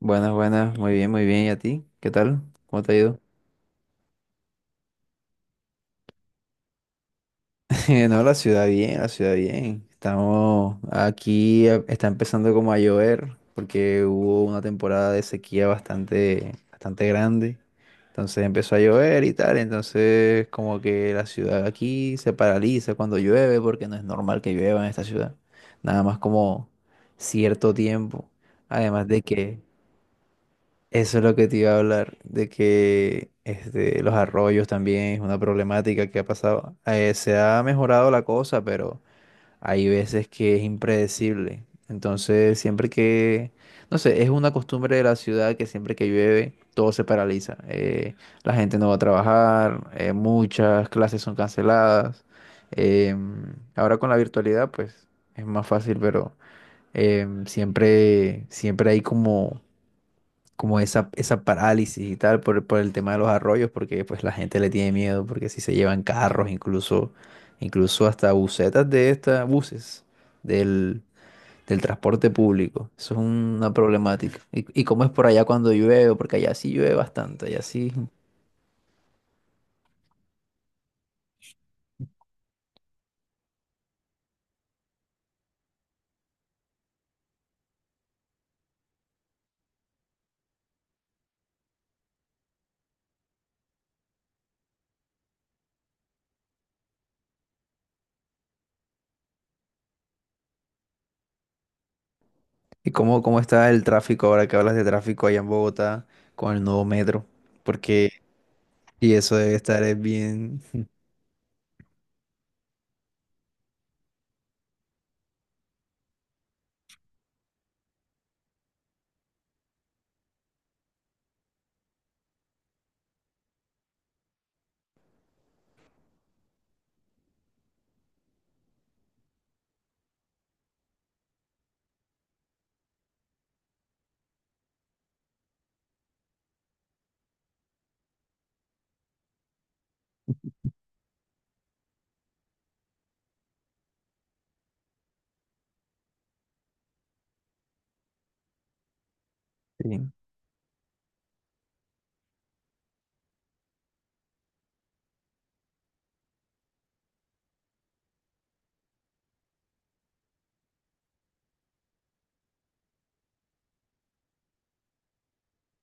Buenas, buenas, muy bien, muy bien. ¿Y a ti? ¿Qué tal? ¿Cómo te ha ido? No, la ciudad bien, la ciudad bien. Estamos aquí, está empezando como a llover porque hubo una temporada de sequía bastante grande. Entonces empezó a llover y tal. Entonces como que la ciudad aquí se paraliza cuando llueve porque no es normal que llueva en esta ciudad. Nada más como cierto tiempo. Además de que Eso es lo que te iba a hablar, de que los arroyos también es una problemática que ha pasado. Se ha mejorado la cosa, pero hay veces que es impredecible. Entonces, no sé, es una costumbre de la ciudad que siempre que llueve todo se paraliza. La gente no va a trabajar, muchas clases son canceladas. Ahora con la virtualidad, pues es más fácil, pero siempre, siempre hay como esa parálisis y tal por el tema de los arroyos, porque pues la gente le tiene miedo, porque si se llevan carros, incluso hasta busetas de estas, buses del, del transporte público. Eso es una problemática. ¿ y cómo es por allá cuando llueve? Porque allá sí llueve bastante, allá sí. ¿Y cómo está el tráfico ahora que hablas de tráfico allá en Bogotá con el nuevo metro? Porque, y eso debe estar es bien. Sí.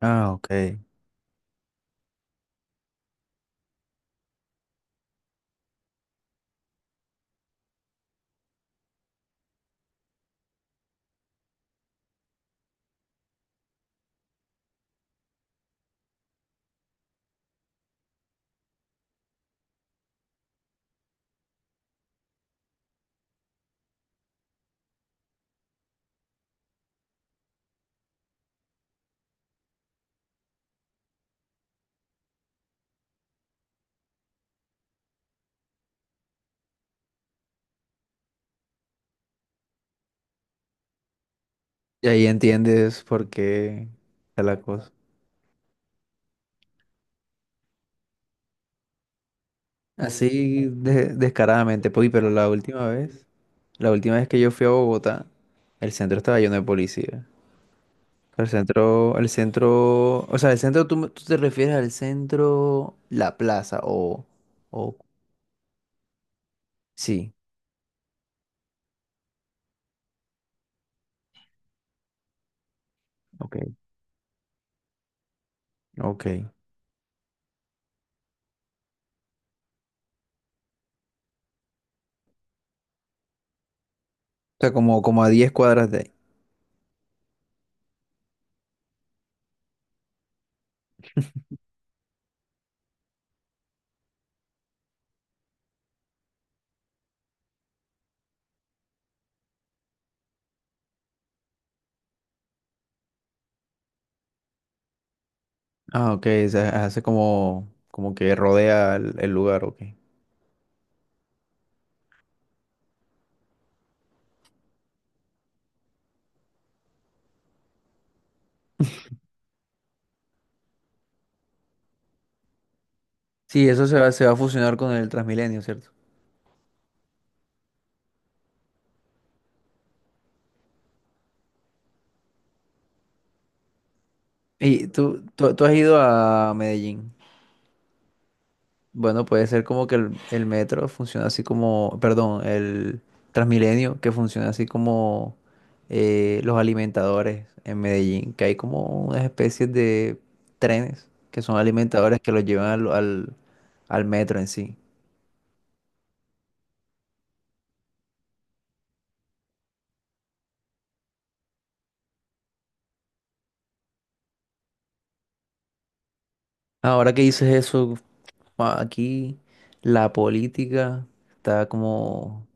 Ah, ok. Y ahí entiendes por qué está la cosa. Así descaradamente, pues, pero la última vez que yo fui a Bogotá, el centro estaba lleno de policía. O sea, el centro, tú te refieres al centro, la plaza? O, sí, ok, ok. O sea, como a diez cuadras de ahí. Ah, ok, o sea, hace como que rodea el lugar, ok. Sí, se va a fusionar con el Transmilenio, ¿cierto? Y tú has ido a Medellín. Bueno, puede ser como que el metro funciona así como, perdón, el Transmilenio, que funciona así como los alimentadores en Medellín, que hay como unas especies de trenes que son alimentadores que los llevan al al, metro en sí. Ahora que dices eso, ah, aquí la política está como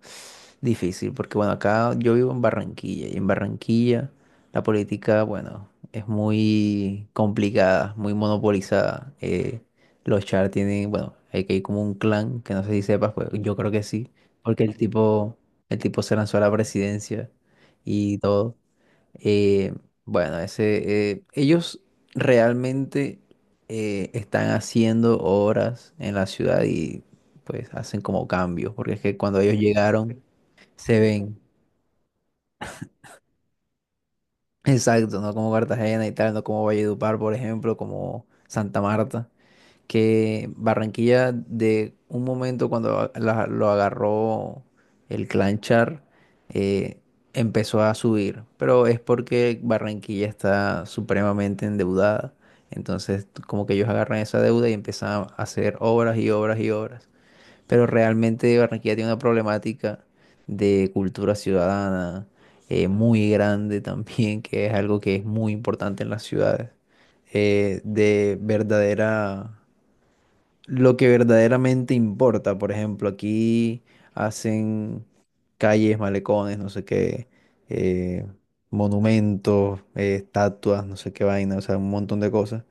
difícil, porque bueno, acá yo vivo en Barranquilla y en Barranquilla la política, bueno, es muy complicada, muy monopolizada. Los Char tienen, bueno, hay que ir como un clan, que no sé si sepas, pues yo creo que sí, porque el tipo se lanzó a la presidencia y todo. Eh, bueno, ellos realmente están haciendo obras en la ciudad y pues hacen como cambios, porque es que cuando ellos llegaron se ven, exacto, no como Cartagena y tal, no como Valledupar, por ejemplo, como Santa Marta. Que Barranquilla de un momento cuando lo agarró el clan Char, eh, empezó a subir, pero es porque Barranquilla está supremamente endeudada. Entonces, como que ellos agarran esa deuda y empiezan a hacer obras y obras y obras. Pero realmente Barranquilla tiene una problemática de cultura ciudadana muy grande también, que es algo que es muy importante en las ciudades de verdadera lo que verdaderamente importa. Por ejemplo, aquí hacen calles, malecones, no sé qué, eh, monumentos, estatuas, no sé qué vaina, o sea, un montón de cosas.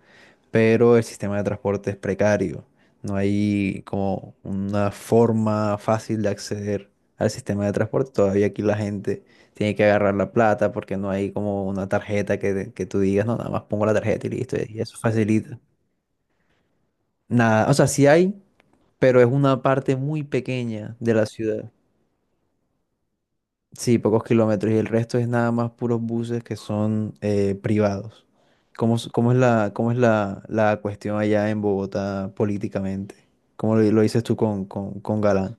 Pero el sistema de transporte es precario. No hay como una forma fácil de acceder al sistema de transporte. Todavía aquí la gente tiene que agarrar la plata porque no hay como una tarjeta que tú digas, no, nada más pongo la tarjeta y listo, y eso facilita. Nada, o sea, sí hay, pero es una parte muy pequeña de la ciudad. Sí, pocos kilómetros y el resto es nada más puros buses que son privados. ¿ cómo es la cuestión allá en Bogotá políticamente? ¿Cómo lo dices tú con Galán?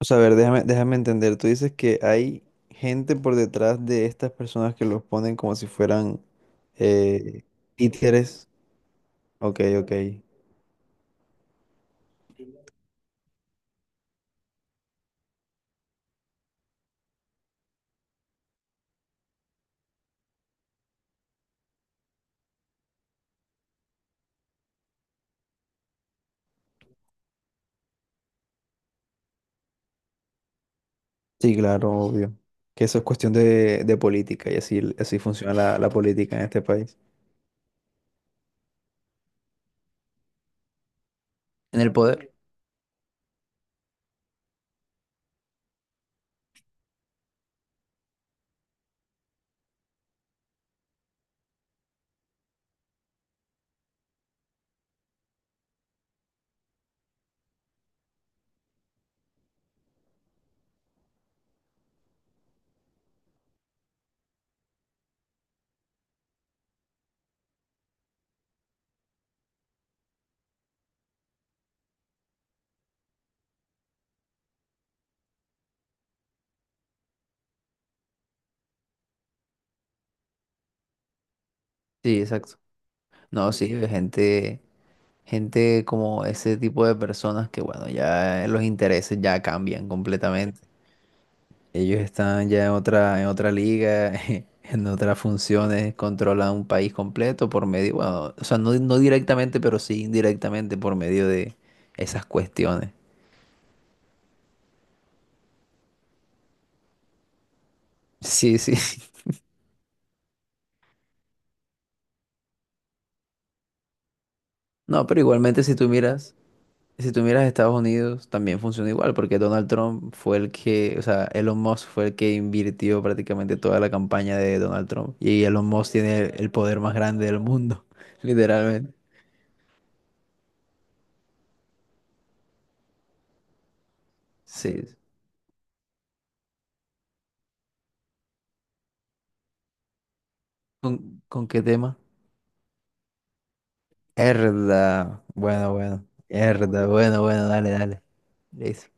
O sea, a ver, déjame entender. Tú dices que hay gente por detrás de estas personas que los ponen como si fueran eh, títeres. Ok, ok. Sí, claro, obvio. Que eso es cuestión de política y así, así funciona la política en este país. En el poder. Sí, exacto. No, sí, gente como ese tipo de personas que, bueno, ya los intereses ya cambian completamente. Ellos están ya en otra liga, en otras funciones, controlan un país completo por medio, bueno, o sea, no, no directamente, pero sí indirectamente por medio de esas cuestiones. Sí, sí. No, pero igualmente si tú miras. Si tú miras Estados Unidos, también funciona igual, porque Donald Trump fue el que, o sea, Elon Musk fue el que invirtió prácticamente toda la campaña de Donald Trump. Y Elon Musk tiene el poder más grande del mundo, literalmente. Sí. Sí. Con qué tema? Herda. Bueno, bueno. Herda, bueno, bueno, dale, dale. Listo.